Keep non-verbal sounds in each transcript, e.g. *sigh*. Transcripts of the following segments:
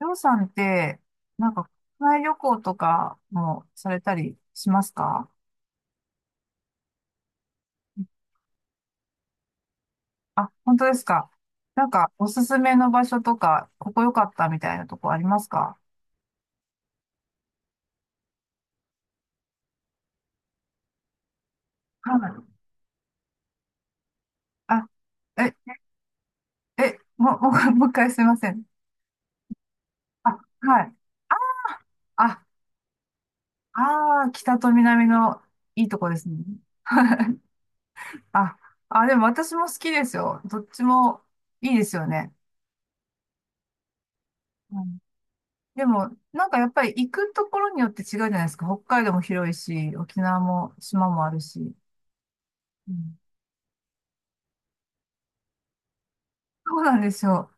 りょうさんって、なんか、国内旅行とかもされたりしますか？あ、本当ですか。おすすめの場所とか、ここ良かったみたいなとこありますか？はい。あ、え、え、もう、*laughs* もう、もう一回すいません。あ、はい。あ、あー、北と南のいいとこですね。あ、あ、でも私も好きですよ。どっちもいいですよね。でも、なんかやっぱり行くところによって違うじゃないですか。北海道も広いし、沖縄も島もあるし。うん。そうなんですよ。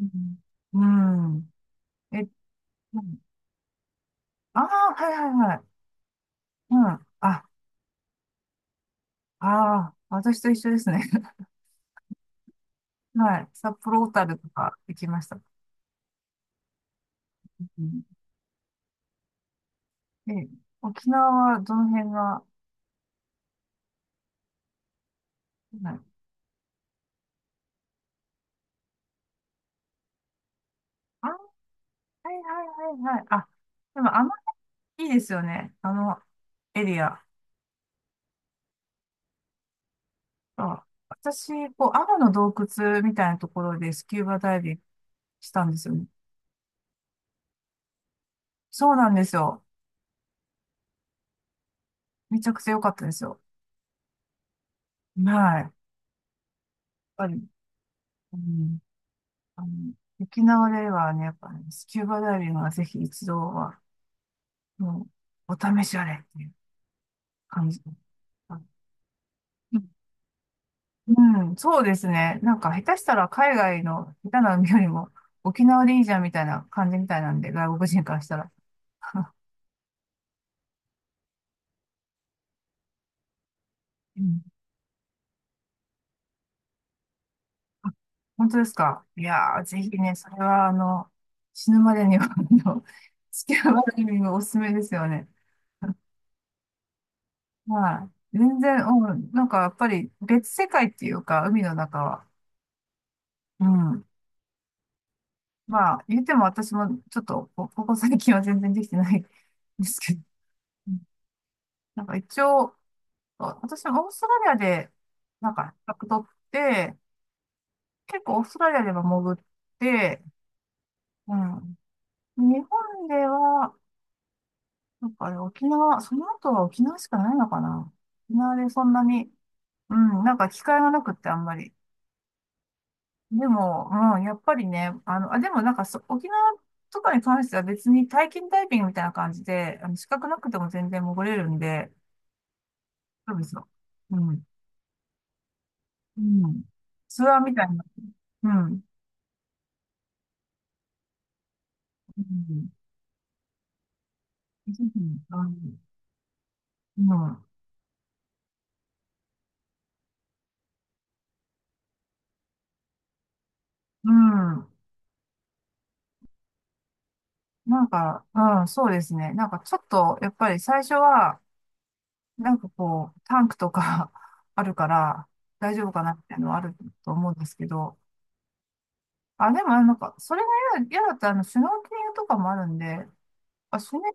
うん。うん。え、ああー、はいはいはい。うん。あ、あ、あ、私と一緒ですね。*laughs* はい。札幌小樽とか行きました。うん、え、沖縄はどの辺が、はい。あ、はいはいはいはい。あ、でもあの辺いいですよね。あのエリア。あ、私、こう、アマの洞窟みたいなところでスキューバダイビングしたんですよね。そうなんですよ。めちゃくちゃ良かったですよ。はい。やっぱり、うん、あの、沖縄ではね、やっぱね、スキューバダイビングはぜひ一度は、もう、お試しあれっていう感じ。あ、うん、そうですね。なんか、下手したら海外の下手な海よりも、沖縄でいいじゃんみたいな感じみたいなんで、外国人からしたら。*laughs* あ、本当ですか。いやー、ぜひね、それは、あの、死ぬまでには、*laughs* あの、スキャバダイビングおすすめですよね。*laughs* はい。全然、うん、なんかやっぱり別世界っていうか、海の中は。うん。まあ、言っても私もちょっと、こ最近は全然できてないんですけど、うん、一応、あ、私はオーストラリアで、資格取って、結構オーストラリアでも潜って、うん。日本では、なんかあれ、沖縄、その後は沖縄しかないのかな。沖縄でそんなに、うん、なんか機会がなくってあんまり。でも、うん、やっぱりね、あの、あ、でもなんかそ、沖縄とかに関しては別に体験ダイビングみたいな感じで、あの、資格なくても全然潜れるんで、そうですよ。うん。うん。ツアーみたいな。うん。うん。ぜひ、うん。あの、うん。うん、なんか、うん、そうですね。なんかちょっと、やっぱり最初は、なんかこう、タンクとか *laughs* あるから、大丈夫かなっていうのはあると思うんですけど、あ、でもあの、なんか、それが嫌だったら、あの、シュノーケリングとかもあるんで、あ、シュノー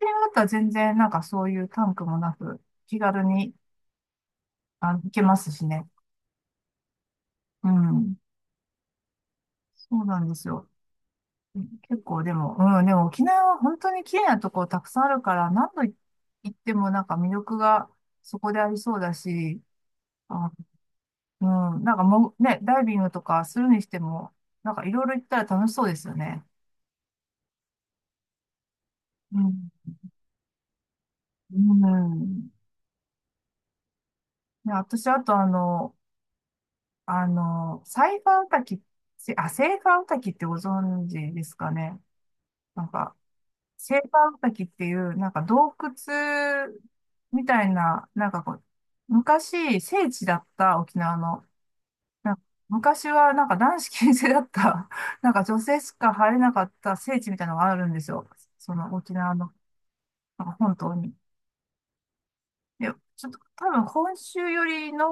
ケリングだったら全然なんかそういうタンクもなく、気軽に、あの、行けますしね。うん。そうなんですよ。結構でも、うん、でも沖縄は本当に綺麗なとこたくさんあるから、何度行ってもなんか魅力がそこでありそうだし、あ、うん、なんかもうね、ダイビングとかするにしても、なんかいろいろ行ったら楽しそうですよね。うん。うん。ね、私、あとあの、あの、サイファーウタキ、せあ、セイファーウタキってご存知ですかね。なんか、セイファーウタキっていう、なんか洞窟みたいな、なんかこう、昔、聖地だった沖縄の、なんか昔はなんか男子禁制だった、*laughs* なんか女性しか入れなかった聖地みたいなのがあるんですよ。その沖縄の、なんか本当に。いや、ちょっと多分本州よりの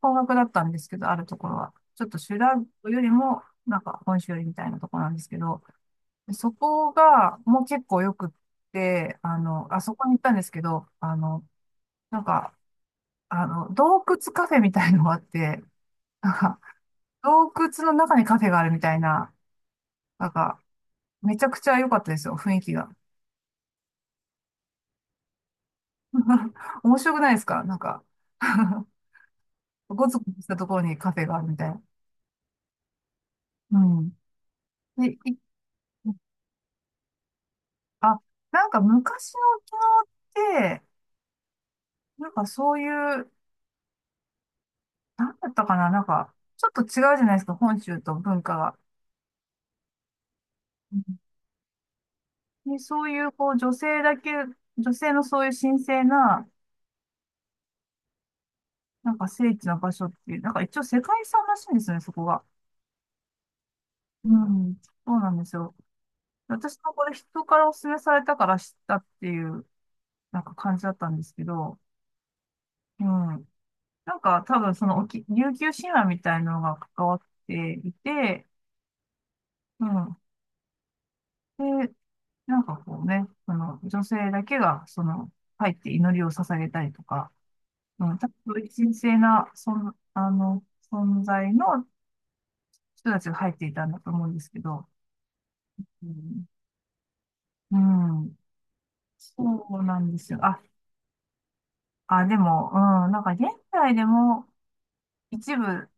方角だったんですけど、あるところは。ちょっと修羅道よりも、なんか本州よりみたいなところなんですけど、そこがもう結構よくって、あの、あそこに行ったんですけど、あの、なんか、あの、洞窟カフェみたいのがあって、なんか、洞窟の中にカフェがあるみたいな、なんか、めちゃくちゃ良かったですよ、雰囲気が。*laughs* 面白くないですかなんか。 *laughs* ごつごつしたところにカフェがあるみたいな。うん。え、い、あ、なんか昔の沖縄って、なんかそういう、なんだったかな、なんか、ちょっと違うじゃないですか、本州と文化が。うん。で、そういう、こう、女性だけ、女性のそういう神聖な、なんか聖地の場所っていう、なんか一応世界遺産らしいんですよね、そこが。うん、そうなんですよ。私もこれ人からお勧めされたから知ったっていう、なんか感じだったんですけど、うん。なんか多分その沖、琉球神話みたいなのが関わっていて、うん。で、なんかこうね、その女性だけが、その、入って祈りを捧げたりとか、うん、多分神聖な、そん、あの、存在の人たちが入っていたんだと思うんですけど、うん、うん、そうなんですよ。あ、あ、でも、うん、なんか現代でも一部、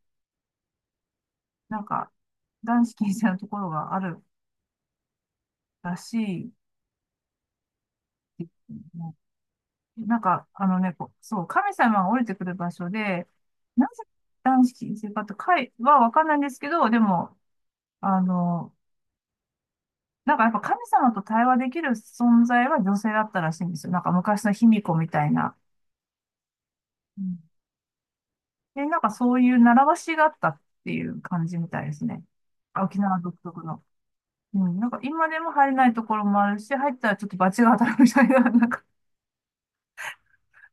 なんか、男子禁制のところがあるらしいですね。なんか、あのね、こうそう、神様が降りてくる場所で、なぜ男子禁制かとかいはわかんないんですけど、でも、あの、なんかやっぱ神様と対話できる存在は女性だったらしいんですよ。なんか昔の卑弥呼みたいな。うん。で、なんかそういう習わしがあったっていう感じみたいですね。沖縄独特の。うん、なんか今でも入れないところもあるし、入ったらちょっと罰が当たるみたいな、*laughs* なんか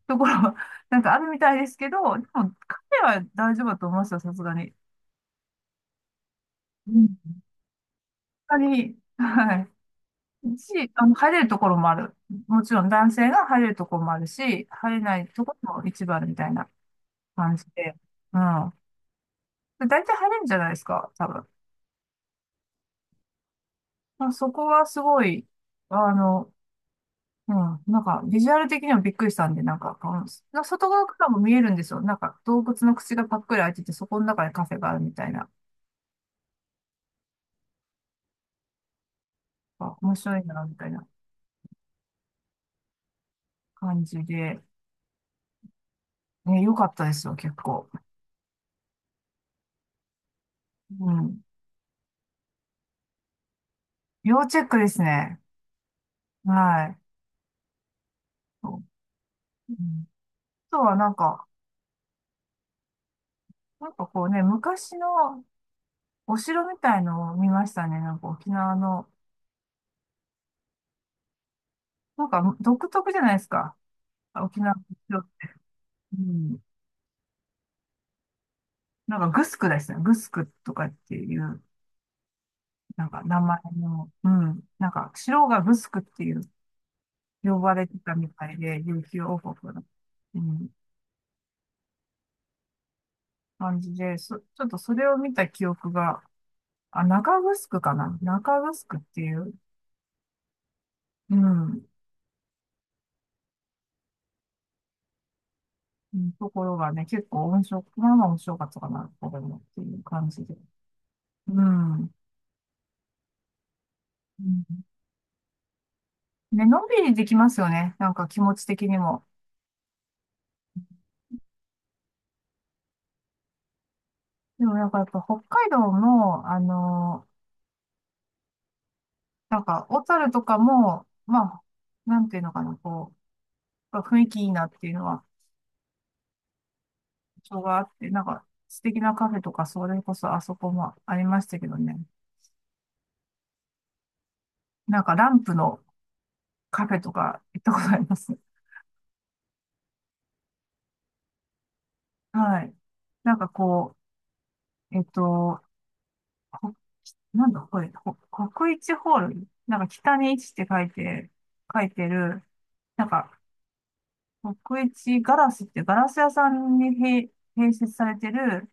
ところは、なんかあるみたいですけど、でも彼は大丈夫だと思いますよ、さすがに。うんぱに、はい。し、あの、入れるところもある。もちろん男性が入れるところもあるし、入れないところも一番みたいな感じで。うん。で、大体入れるんじゃないですか、多分。まあ、そこはすごい、あの、うん、なんか、ビジュアル的にもびっくりしたんで、なんか、うんな外側からも見えるんですよ。なんか、洞窟の口がパックリ開いてて、そこの中にカフェがあるみたいな、あ、面白いな、みたいな感じで、ね、良かったですよ、結構。うん。要チェックですね。はい。うん。あとはなんか、なんかこうね、昔のお城みたいのを見ましたね。なんか沖縄の、なんか独特じゃないですか。沖縄の城。うん。なんかグスクですね。グスクとかっていう、なんか名前の、うん。なんか城がグスクっていう呼ばれてたみたいで、琉球王国の、うん、感じで、そ、ちょっとそれを見た記憶が、あ、中グスクかな。中グスクっていう、うん。うん、ところがね、結構温床、まあまあ温床かったかな、これもっていう感じで。うん。うん、ね、のんびりできますよね。なんか気持ち的にも。でもなんかやっぱ北海道の、あのー、なんか小樽とかも、まあ、なんていうのかな、こう、やっぱ雰囲気いいなっていうのは、場があって、なんか素敵なカフェとか、それこそあそこもありましたけどね。なんかランプのカフェとか行ったことあります。はい。なんかこう、えっと、こ、なんだこれ、こ国一ホール、なんか北に一って書いて、書いてる、なんか国一ガラスってガラス屋さんに併設されてる、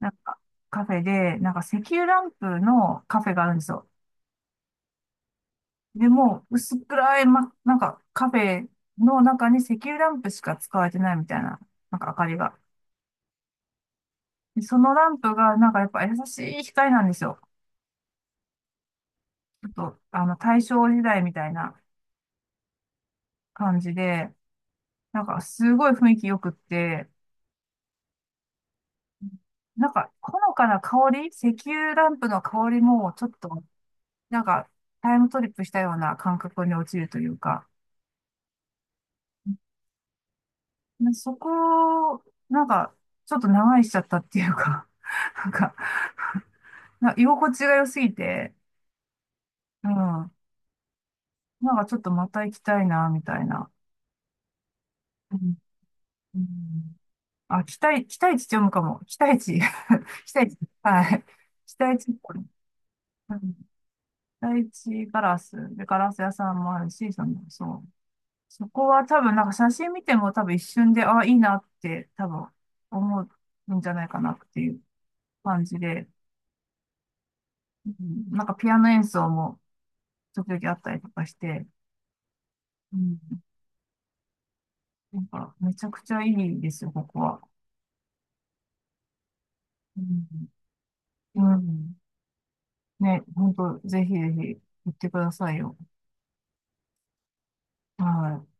なんかカフェで、なんか石油ランプのカフェがあるんですよ。でも、薄暗い、ま、なんかカフェの中に石油ランプしか使われてないみたいな、なんか明かりが。で、そのランプがなんかやっぱ優しい光なんですよ。ちょっと、あの、大正時代みたいな感じで、なんかすごい雰囲気良くって、なんかほのかな香り、石油ランプの香りもちょっと、なんかタイムトリップしたような感覚に陥るというか、でそこを、なんかちょっと長いしちゃったっていうか、*laughs* なんか、な居心地が良すぎて、うん、なんかちょっとまた行きたいな、みたいな。うん、うん、あ、期待、期待値って読むかも。期待値。*laughs* 期待値。はい。期待値。うん、第一ガラス。で、ガラス屋さんもあるし、その、そう。そこは多分、なんか写真見ても多分一瞬で、あ、いいなって多分思うんじゃないかなっていう感じで、うん、なんかピアノ演奏も時々あったりとかして、うん、なんかめちゃくちゃいいですよ、ここは。うん、うん、ね、本当ぜひぜひ行ってくださいよ。はい。